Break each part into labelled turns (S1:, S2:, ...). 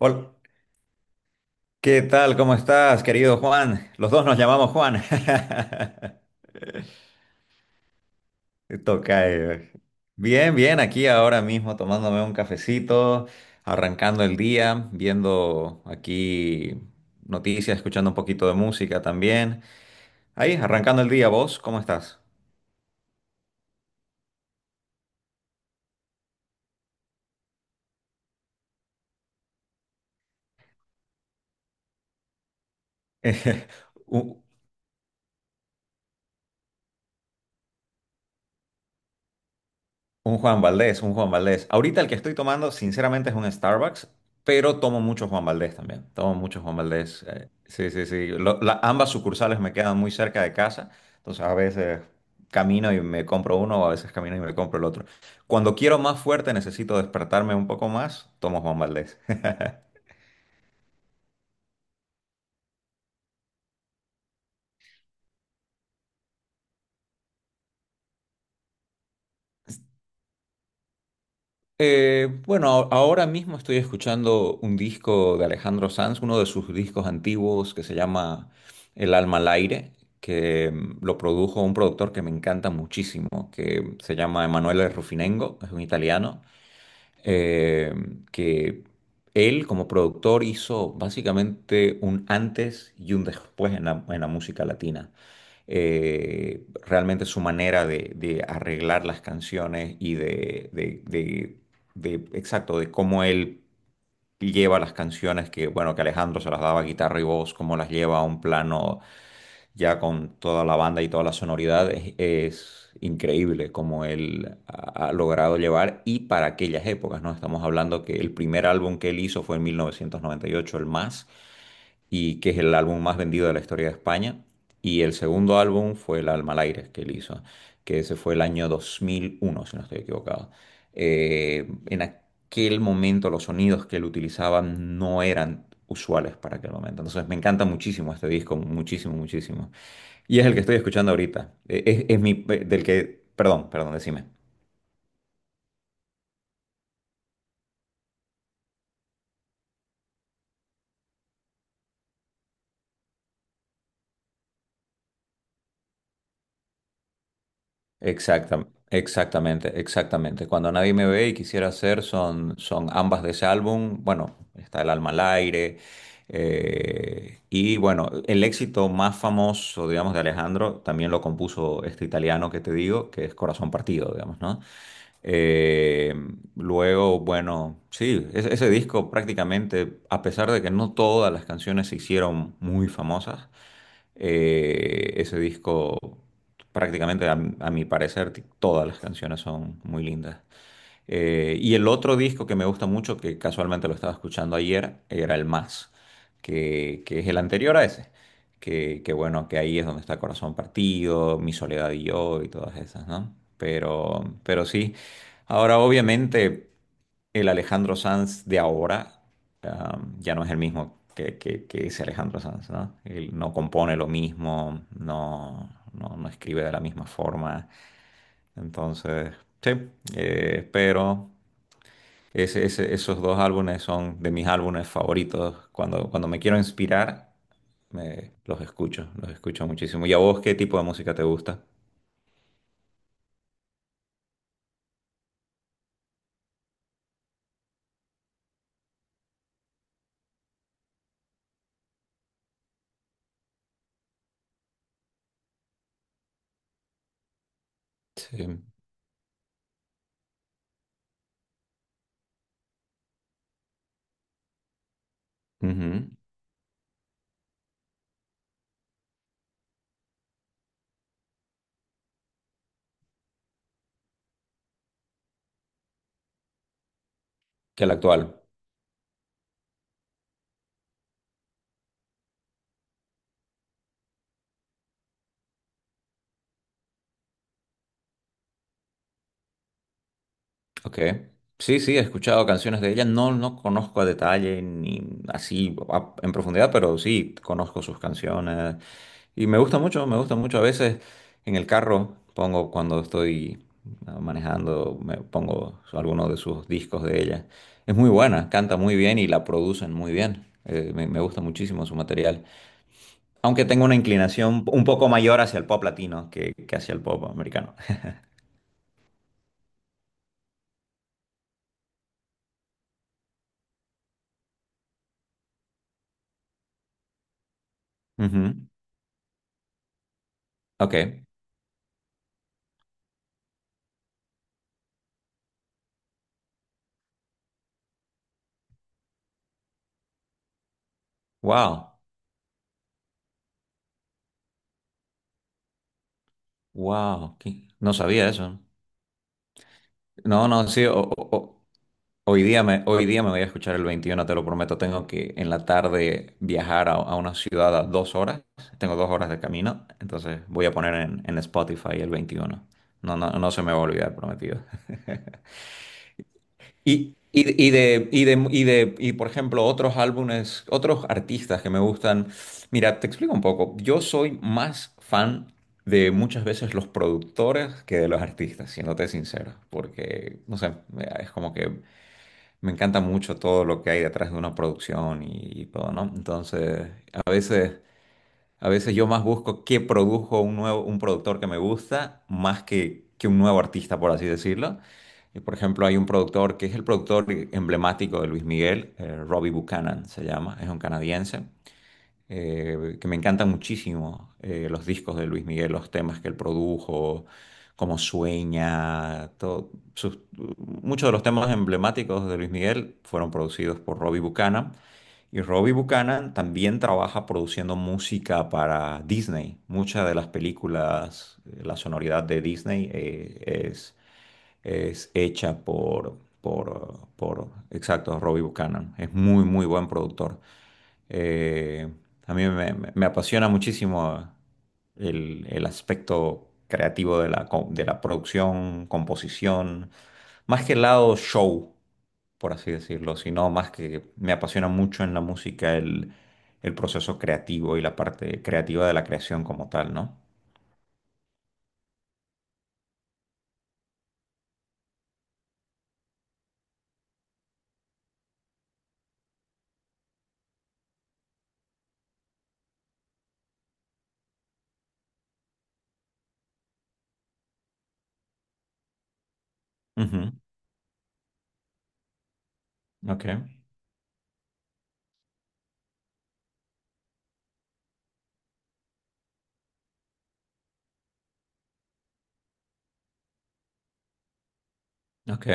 S1: Hola, ¿qué tal? ¿Cómo estás, querido Juan? Los dos nos llamamos Juan. Tocayo. Bien, bien, aquí ahora mismo tomándome un cafecito, arrancando el día, viendo aquí noticias, escuchando un poquito de música también. Ahí, arrancando el día, ¿vos cómo estás? Un, Un Juan Valdés, un Juan Valdés. Ahorita el que estoy tomando, sinceramente, es un Starbucks, pero tomo mucho Juan Valdés también. Tomo mucho Juan Valdés. Sí, sí, sí. Ambas sucursales me quedan muy cerca de casa, entonces a veces camino y me compro uno o a veces camino y me compro el otro. Cuando quiero más fuerte, necesito despertarme un poco más, tomo Juan Valdés. Bueno, ahora mismo estoy escuchando un disco de Alejandro Sanz, uno de sus discos antiguos que se llama El alma al aire, que lo produjo un productor que me encanta muchísimo, que se llama Emanuele Rufinengo, es un italiano eh, que él como productor hizo básicamente un antes y un después en la música latina. Realmente su manera de arreglar las canciones y exacto, de cómo él lleva las canciones que, bueno, que Alejandro se las daba guitarra y voz, cómo las lleva a un plano ya con toda la banda y todas las sonoridades, es increíble cómo él ha logrado llevar y para aquellas épocas, ¿no? Estamos hablando que el primer álbum que él hizo fue en 1998, el Más, y que es el álbum más vendido de la historia de España. Y el segundo álbum fue El Alma al aire que él hizo, que ese fue el año 2001, si no estoy equivocado. En aquel momento los sonidos que él utilizaba no eran usuales para aquel momento. Entonces me encanta muchísimo este disco, muchísimo, muchísimo. Y es el que estoy escuchando ahorita. Es mi, del que, Perdón, perdón, decime. Exactamente, exactamente. Cuando nadie me ve y quisiera hacer son ambas de ese álbum. Bueno, está El alma al aire. Y bueno, el éxito más famoso, digamos, de Alejandro también lo compuso este italiano que te digo, que es Corazón Partido, digamos, ¿no? Eh, Luego, bueno, sí, ese disco prácticamente, a pesar de que no todas las canciones se hicieron muy famosas, ese disco prácticamente a mi parecer todas las canciones son muy lindas. Y el otro disco que me gusta mucho, que casualmente lo estaba escuchando ayer, era el Más, que es el anterior a ese. Que bueno, que ahí es donde está Corazón Partido, Mi Soledad y Yo y todas esas, ¿no? Pero sí, ahora obviamente el Alejandro Sanz de ahora ya no es el mismo que, que ese Alejandro Sanz, ¿no? Él no compone lo mismo, no, no, no escribe de la misma forma. Entonces, sí, eh, pero... Esos dos álbumes son de mis álbumes favoritos. Cuando me quiero inspirar, los escucho muchísimo. ¿Y a vos qué tipo de música te gusta? Sí. Ujú. Que el actual. Ok. Sí, sí, he escuchado canciones de ella. No, no conozco a detalle ni así en profundidad, pero sí conozco sus canciones. Y me gusta mucho, me gusta mucho. A veces en el carro pongo cuando estoy manejando, me pongo alguno de sus discos de ella. Es muy buena, canta muy bien y la producen muy bien. Me gusta muchísimo su material. Aunque tengo una inclinación un poco mayor hacia el pop latino que hacia el pop americano. Ujú. Ok. Wow. Wow, no sabía eso. No, no, sí, hoy día hoy día me voy a escuchar el 21, te lo prometo. Tengo que en la tarde viajar a una ciudad a 2 horas. Tengo 2 horas de camino, entonces voy a poner en Spotify el 21. No, no, no se me va a olvidar, prometido. Y de, y por ejemplo, otros álbumes, otros artistas que me gustan. Mira, te explico un poco. Yo soy más fan de muchas veces los productores que de los artistas, siéndote sincero, porque, no sé, es como que me encanta mucho todo lo que hay detrás de una producción y, todo, ¿no? Entonces, a veces... A veces yo más busco qué produjo un nuevo, un productor que me gusta, más que un nuevo artista, por así decirlo. Y, por ejemplo, hay un productor que es el productor emblemático de Luis Miguel, Robbie Buchanan se llama, es un canadiense que me encantan muchísimo los discos de Luis Miguel, los temas que él produjo, cómo sueña, todo, muchos de los temas emblemáticos de Luis Miguel fueron producidos por Robbie Buchanan. Y Robbie Buchanan también trabaja produciendo música para Disney. Muchas de las películas, la sonoridad de Disney es hecha exacto, Robbie Buchanan. Es muy, muy buen productor. Eh, a mí me apasiona muchísimo el aspecto creativo de la producción, composición, más que el lado show, por así decirlo, sino más que me apasiona mucho en la música el proceso creativo y la parte creativa de la creación como tal, ¿no? Ujú, Ok, ok,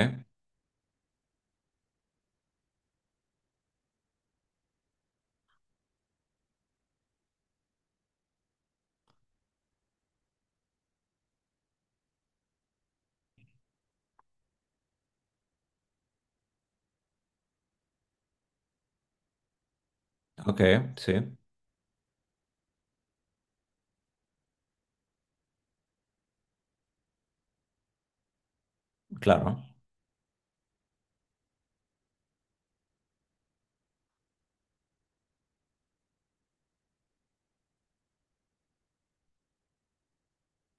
S1: ok, sí, claro.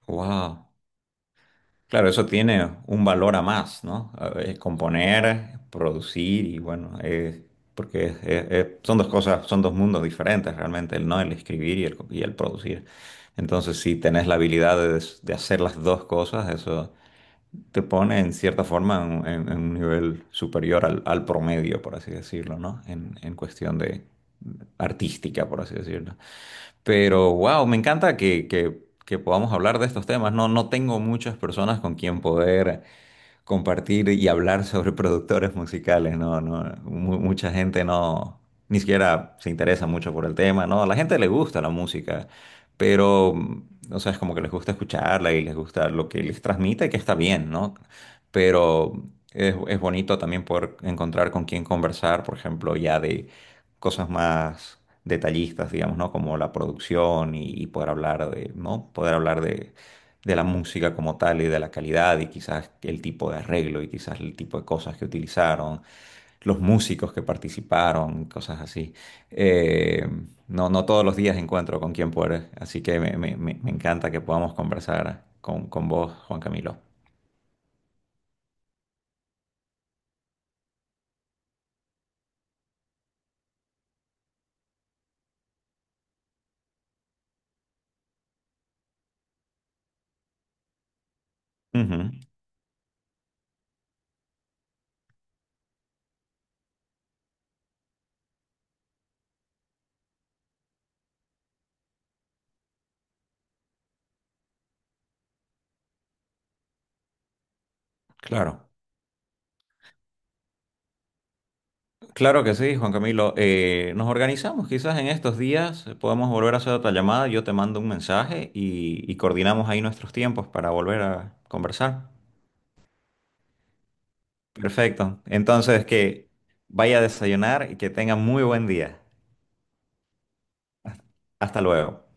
S1: Wow. Claro, eso tiene un valor a más, ¿no? A ver, componer, producir y bueno, porque son dos cosas, son dos mundos diferentes realmente, el no, el escribir y el producir. Entonces, si tenés la habilidad de hacer las dos cosas, eso te pone en cierta forma en, en un nivel superior al promedio, por así decirlo, ¿no? En cuestión de artística, por así decirlo. Pero wow, me encanta que podamos hablar de estos temas. No, no tengo muchas personas con quien poder compartir y hablar sobre productores musicales, ¿no? No, mucha gente no, ni siquiera se interesa mucho por el tema, ¿no? A la gente le gusta la música, pero, o sea, es como que les gusta escucharla y les gusta lo que les transmite, que está bien, ¿no? Pero es bonito también poder encontrar con quién conversar, por ejemplo, ya de cosas más detallistas, digamos, ¿no? Como la producción y poder hablar de, ¿no? Poder hablar de la música como tal y de la calidad y quizás el tipo de arreglo y quizás el tipo de cosas que utilizaron, los músicos que participaron, cosas así. Eh, no, no todos los días encuentro con quien poder, así que me encanta que podamos conversar con vos, Juan Camilo. Ujú, claro. Claro que sí, Juan Camilo. Nos organizamos quizás en estos días, podemos volver a hacer otra llamada, yo te mando un mensaje y coordinamos ahí nuestros tiempos para volver a conversar. Perfecto. Entonces, que vaya a desayunar y que tenga muy buen día. Hasta luego.